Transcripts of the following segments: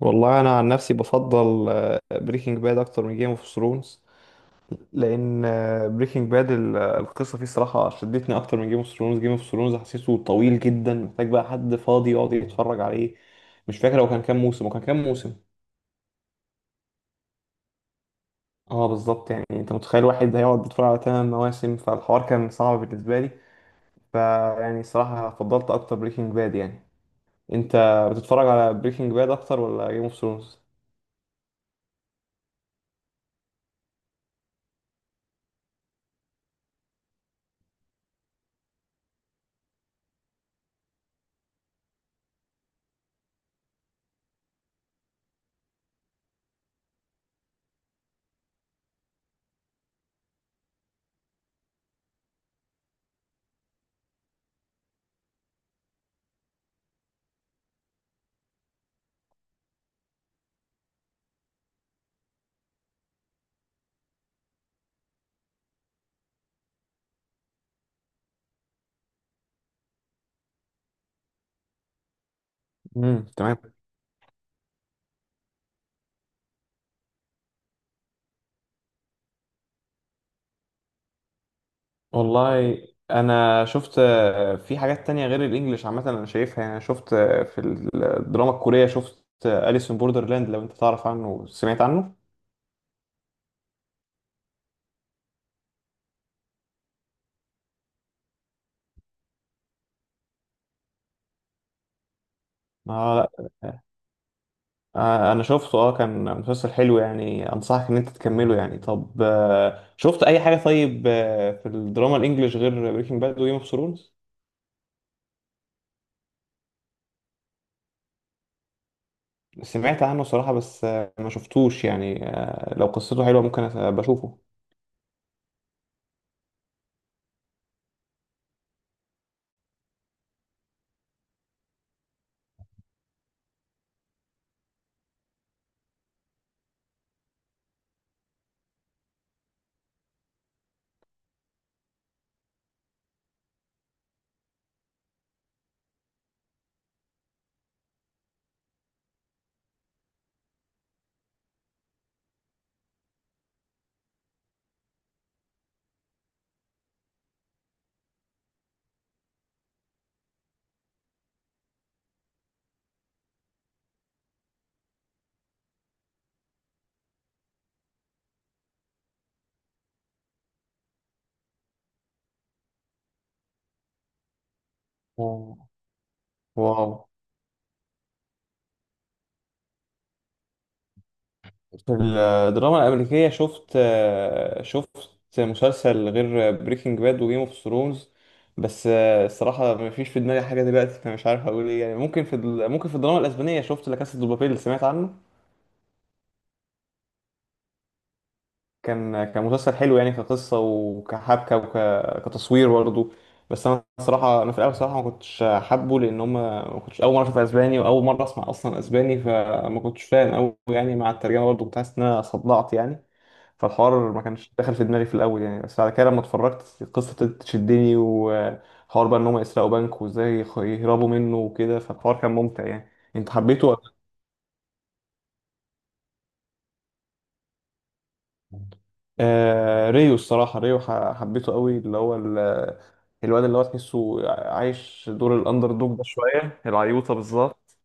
والله انا عن نفسي بفضل بريكنج باد اكتر من جيم اوف ثرونز، لان بريكنج باد القصه فيه صراحه شدتني اكتر من جيم اوف ثرونز. جيم اوف ثرونز حسيته طويل جدا، محتاج بقى حد فاضي يقعد يتفرج عليه. مش فاكر هو كان كام موسم اه بالظبط، يعني انت متخيل واحد هيقعد يتفرج على تمن مواسم؟ فالحوار كان صعب بالنسبه لي. فيعني صراحه فضلت اكتر بريكنج باد يعني. انت بتتفرج على بريكنج باد اكتر ولا جيم اوف ثرونز؟ تمام. والله انا شفت في حاجات تانية غير الانجليش، عامة انا شايفها يعني. شفت في الدراما الكورية شفت أليسون بوردرلاند، لو انت تعرف عنه سمعت عنه. اه لا. انا شفته، اه كان مسلسل حلو يعني، انصحك ان انت تكمله يعني. طب شفت اي حاجة؟ طيب في الدراما الانجليش غير بريكنج باد وجيم اوف ثرونز؟ سمعت عنه صراحة، بس ما شفتوش يعني، لو قصته حلوة ممكن بشوفه. واو. واو. في الدراما الأمريكية شفت مسلسل غير بريكنج باد وجيم اوف ثرونز، بس الصراحة مفيش في دماغي حاجة دلوقتي، فمش عارف أقول إيه يعني. ممكن في الدراما الأسبانية شفت لا كاسا دي بابيل، اللي سمعت عنه. كان مسلسل حلو يعني كقصة وكحبكة وكتصوير برضه. بس أنا الصراحة أنا في الأول الصراحة ما كنتش حابه، لأن هما ما كنتش أول مرة أشوف أسباني، وأول مرة أسمع أصلا أسباني، فما كنتش فاهم أوي يعني. مع الترجمة برضه كنت حاسس إن أنا صدعت يعني، فالحوار ما كانش داخل في دماغي في الاول يعني. بس بعد كده لما اتفرجت القصه ابتدت تشدني، وحوار بقى ان هم يسرقوا بنك وازاي يهربوا منه وكده. فالحوار كان ممتع يعني، انت حبيته ولا؟ آه ريو الصراحه، حبيته قوي، اللي هو الواد اللي هو تحسه عايش دور الاندر دوج، ده شويه العيوطه بالظبط.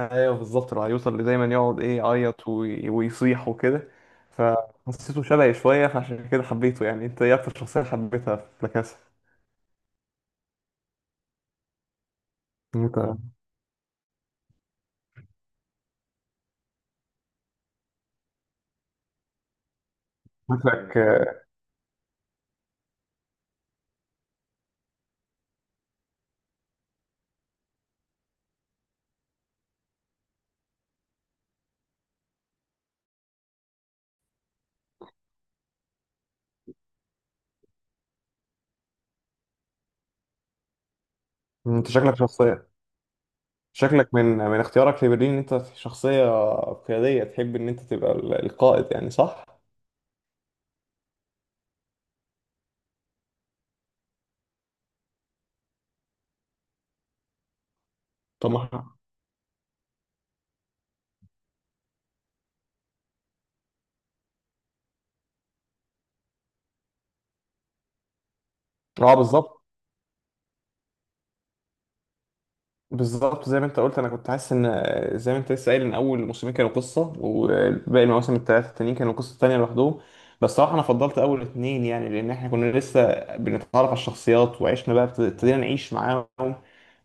ايوه بالظبط، العيوطه اللي دايما يقعد يعيط ويصيح وكده. فحسيته شبهي شويه، فعشان كده حبيته يعني. انت ايه اكتر شخصيه حبيتها في لا كاسا؟ انت شكلك. انت شكلك شخصية. شكلك من اختيارك لبرلين ان انت شخصية قيادية، تحب ان انت تبقى القائد يعني، صح؟ طموحها. اه بالظبط. بالظبط زي ما انت قلت، انا كنت حاسس ان زي ما انت لسه قايل ان اول موسمين كانوا قصه، وباقي المواسم الثلاثه التانيين كانوا قصه تانية لوحدهم. بس صراحه انا فضلت اول اتنين يعني، لان احنا كنا لسه بنتعرف على الشخصيات، وعشنا بقى ابتدينا نعيش معاهم،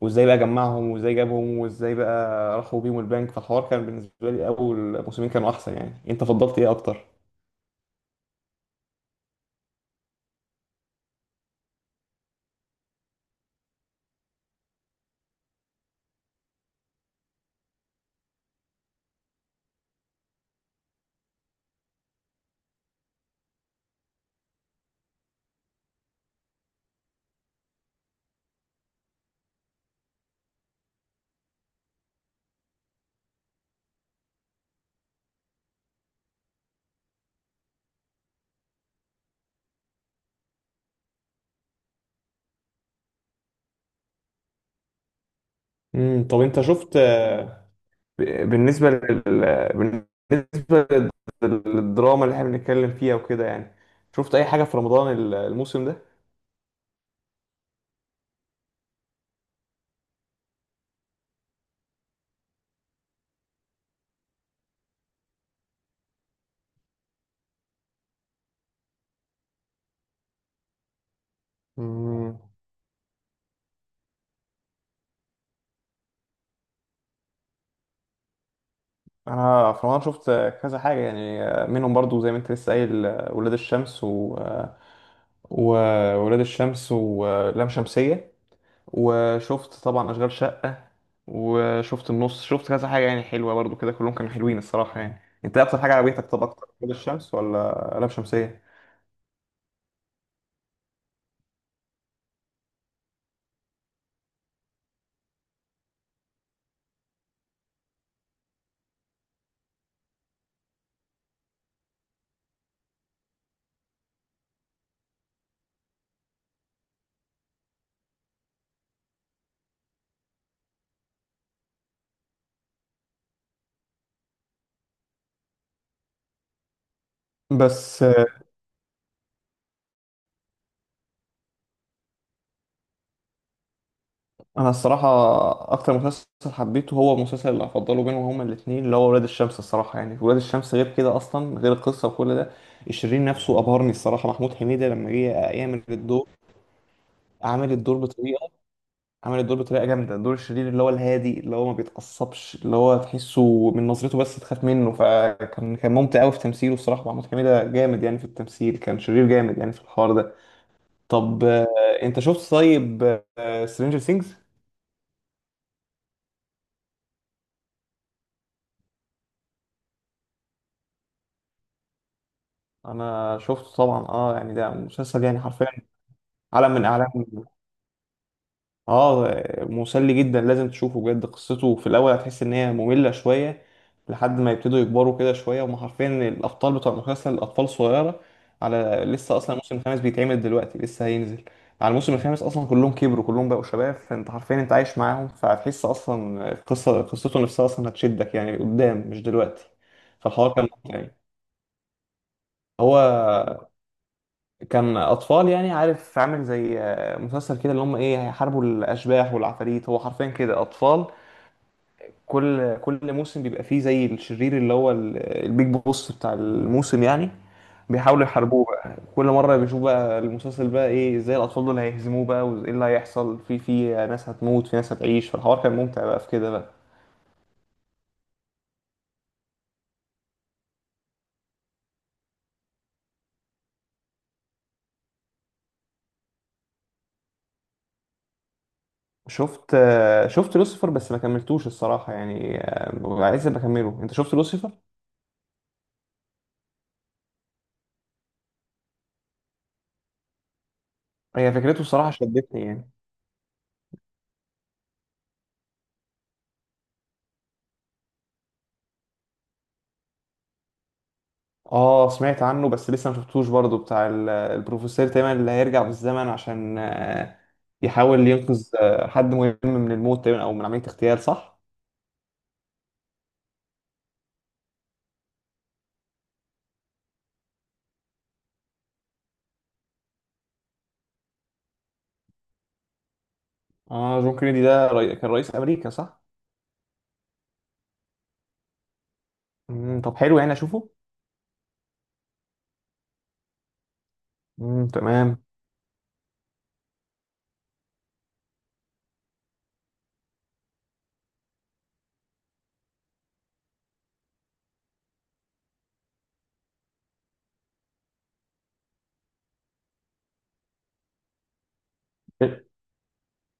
وازاي بقى جمعهم، وازاي جابهم، وازاي بقى راحوا بيهم البنك. فالحوار كان بالنسبه لي اول موسمين كانوا احسن يعني، انت فضلت ايه اكتر؟ طب انت شفت، ب- بالنسبة لل... بالنسبة لل- للدراما اللي احنا بنتكلم فيها وكده يعني، شفت أي حاجة في رمضان الموسم ده؟ مم. أنا في رمضان شفت كذا حاجة يعني، منهم برضو زي ما أنت لسه قايل ولاد الشمس و... وولاد الشمس ولام شمسية، وشفت طبعا أشغال شقة، وشفت النص، شفت كذا حاجة يعني حلوة برضو كده، كلهم كانوا حلوين الصراحة يعني. أنت أكتر حاجة عجبتك، طب أكتر ولاد الشمس ولا لام شمسية؟ بس انا الصراحه اكتر مسلسل حبيته، هو المسلسل اللي هفضله بينهم هما الاثنين اللي هو ولاد الشمس الصراحه يعني. ولاد الشمس غير كده اصلا، غير القصه وكل ده الشرير نفسه ابهرني الصراحه، محمود حميده لما جه يعمل الدور، عامل الدور بطريقه عامل الدور بطريقه جامده، دور الشرير اللي هو الهادي، اللي هو ما بيتعصبش، اللي هو تحسه من نظرته بس تخاف منه. فكان ممتع قوي في تمثيله الصراحه، محمود حميده جامد يعني في التمثيل، كان شرير جامد يعني في الحوار ده. طب انت شفت طيب سترينجر ثينجز؟ انا شفته طبعا اه، يعني ده مسلسل يعني حرفيا عالم من اعلام. اه مسلي جدا، لازم تشوفه بجد. قصته في الاول هتحس ان هي مملة شوية، لحد ما يبتدوا يكبروا كده شوية، وما حرفيا الابطال بتوع المسلسل اطفال صغيرة. على لسه اصلا الموسم الخامس بيتعمل دلوقتي، لسه هينزل. على الموسم الخامس اصلا كلهم كبروا، كلهم بقوا شباب، فانت حرفيا انت عايش معاهم. فهتحس اصلا قصته نفسها اصلا هتشدك يعني قدام، مش دلوقتي. فالحوار كان ممتع يعني. هو كان اطفال يعني، عارف عامل زي مسلسل كده اللي هم هيحاربوا الاشباح والعفاريت، هو حرفيا كده اطفال. كل موسم بيبقى فيه زي الشرير اللي هو البيج بوس بتاع الموسم يعني، بيحاولوا يحاربوه بقى. كل مره بيشوف بقى المسلسل بقى ايه، ازاي الاطفال دول هيهزموه بقى، وايه اللي هيحصل، في ناس هتموت، في ناس هتعيش، فالحوار كان ممتع بقى في كده بقى. شفت لوسيفر بس ما كملتوش الصراحه يعني، عايز بكمله، انت شفت لوسيفر؟ هي فكرته الصراحه شدتني يعني. اه سمعت عنه بس لسه ما شفتوش برضه، بتاع البروفيسور تقريبا اللي هيرجع بالزمن عشان يحاول ينقذ حد مهم من الموت تقريبا، او من عملية اغتيال، صح؟ اه جون كينيدي ده كان رئيس امريكا، صح؟ مم. طب حلو يعني اشوفه؟ مم. تمام. إيه؟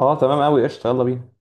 اه تمام قوي، قشطة، يلا بينا.